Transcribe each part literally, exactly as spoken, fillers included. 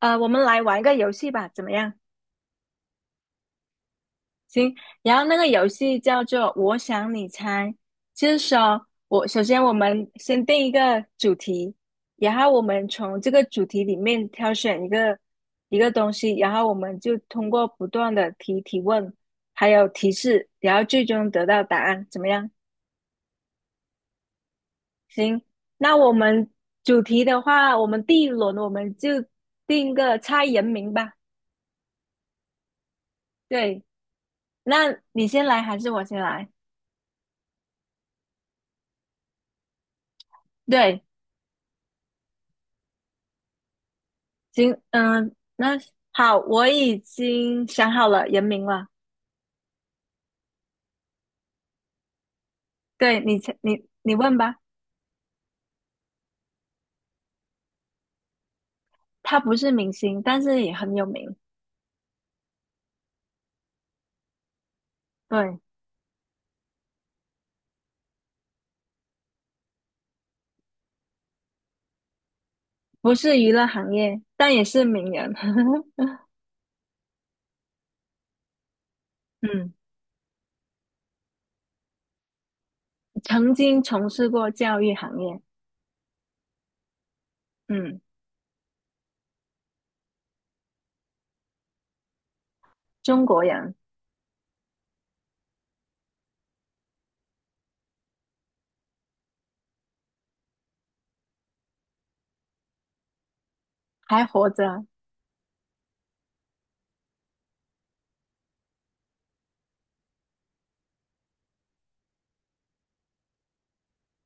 呃，我们来玩一个游戏吧，怎么样？行，然后那个游戏叫做"我想你猜"，就是说我首先我们先定一个主题，然后我们从这个主题里面挑选一个一个东西，然后我们就通过不断的提提问，还有提示，然后最终得到答案，怎么样？行，那我们主题的话，我们第一轮我们就定个猜人名吧。对，那你先来还是我先来？对，行，嗯，那好，我已经想好了人名了。对你先，你你问吧。他不是明星，但是也很有名。对，不是娱乐行业，但也是名人。嗯，曾经从事过教育行业。嗯，中国人还活着，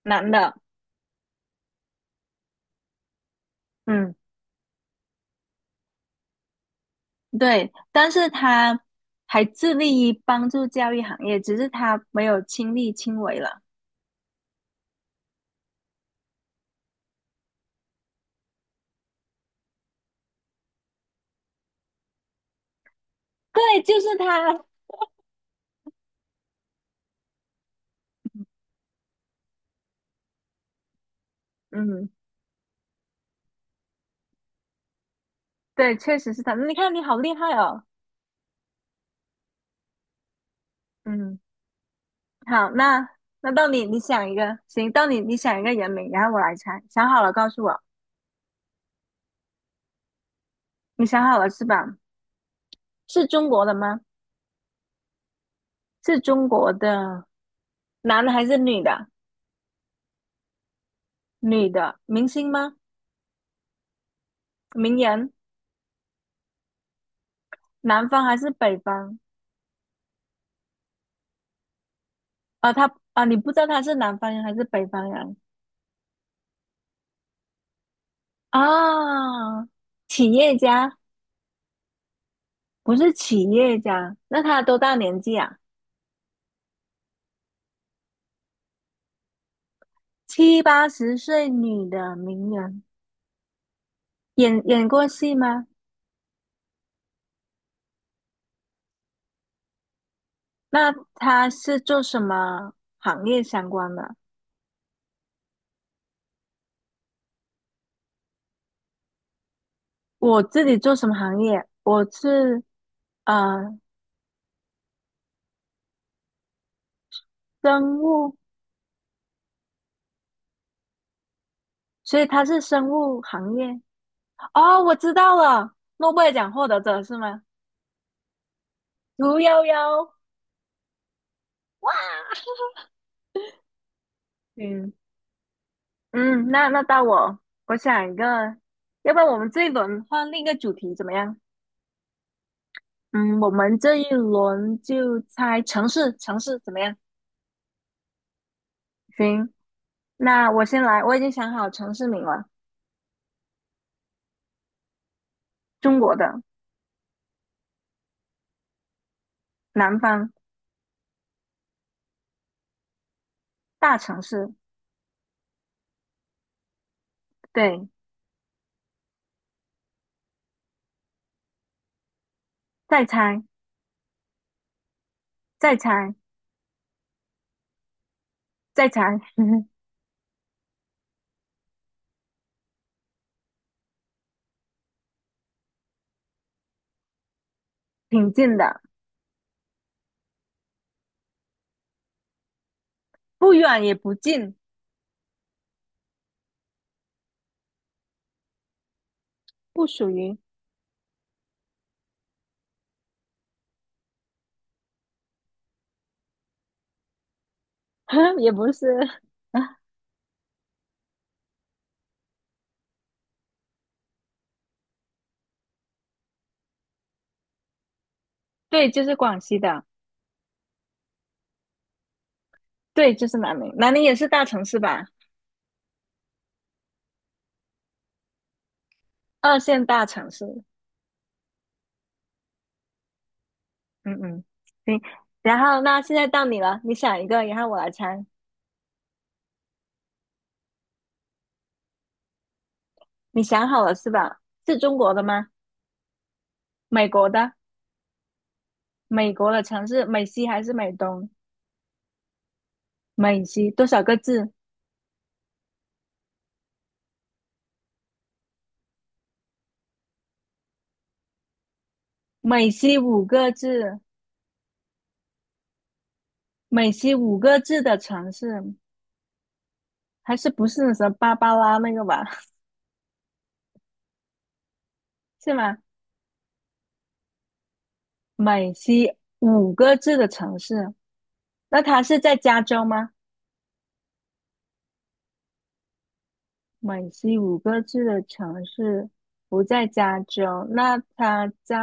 男的。嗯，对，但是他还致力于帮助教育行业，只是他没有亲力亲为了。对，就是他。嗯。对，确实是他。你看，你好厉害哦。嗯，好，那那到你，你想一个，行，到你，你想一个人名，然后我来猜。想好了告诉我，你想好了是吧？是中国的吗？是中国的，男的还是女的？女的，明星吗？名人，南方还是北方？啊，他啊，你不知道他是南方人还是北方人啊？企业家，不是企业家，那他多大年纪啊？七八十岁女的名人。演演过戏吗？那他是做什么行业相关的？我自己做什么行业？我是呃生物，所以他是生物行业。哦，我知道了，诺贝尔奖获得者是吗？屠呦呦，嗯嗯，那那到我，我想一个，要不然我们这一轮换另一个主题怎么样？嗯，我们这一轮就猜城市，城市怎么样？行，那我先来，我已经想好城市名了。中国的南方大城市，对，再猜，再猜，再猜，挺近的，不远也不近，不属于，也不是，对，就是广西的，对，就是南宁，南宁也是大城市吧，二线大城市，嗯嗯，行，然后那现在到你了，你想一个，然后我来猜，你想好了是吧？是中国的吗？美国的，美国的城市，美西还是美东？美西多少个字？美西五个字，美西五个字的城市，还是不是那什么芭芭拉那个吧？是吗？美西五个字的城市，那它是在加州吗？美西五个字的城市不在加州，那它在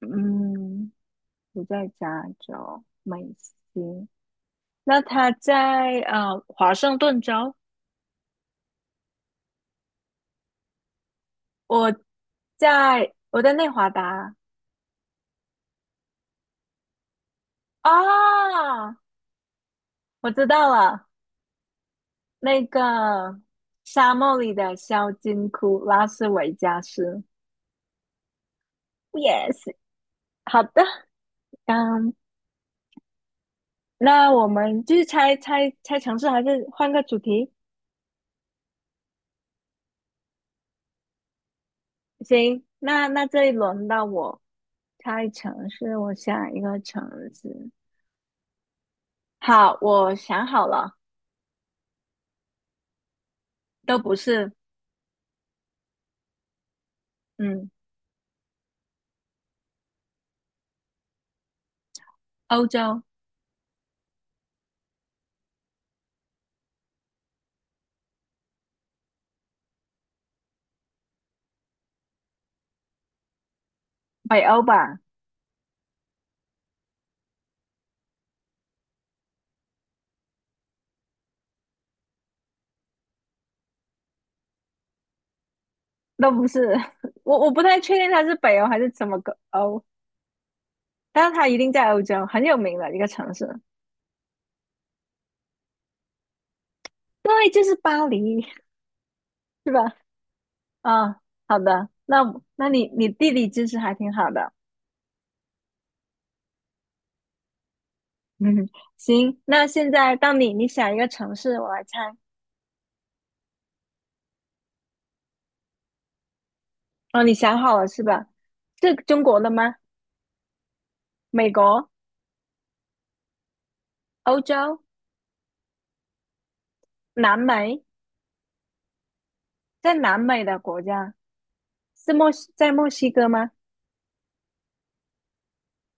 嗯不在加州，美西，那它在呃华盛顿州，我在我在内华达啊，我知道了。那个沙漠里的小金库，拉斯维加斯。Yes,好的，嗯，那我们继续猜猜猜城市，还是换个主题？行，那那这一轮到我猜城市，我想一个城市。好，我想好了，都不是，嗯，欧洲，北欧吧，都不是。我我不太确定它是北欧还是什么个欧，但是它一定在欧洲，很有名的一个城市。对，就是巴黎。是吧？啊，好的，那我那你你地理知识还挺好的，嗯，行，那现在到你，你想一个城市，我来猜。哦，你想好了是吧？是中国的吗？美国、欧洲、南美，在南美的国家是墨西，在墨西哥吗？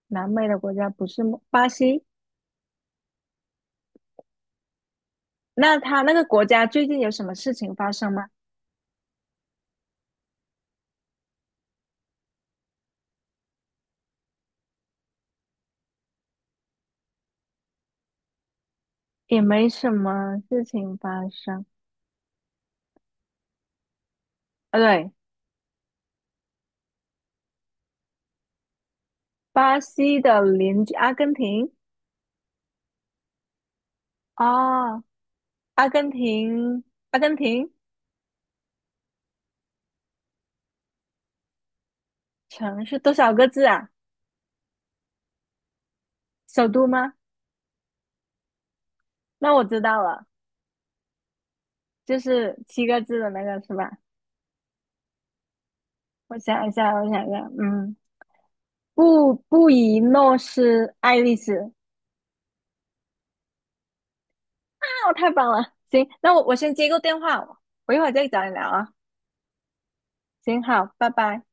南美的国家不是墨巴西，那他那个国家最近有什么事情发生吗？也没什么事情发生。啊，对，巴西的邻居阿根廷。哦，阿根廷，阿根廷城市多少个字啊？首都吗？那我知道了，就是七个字的那个是吧？我想一下，我想一下，嗯，布布宜诺斯艾利斯，啊，太棒了！行，那我我先接个电话，我一会儿再找你聊啊。行，好，拜拜。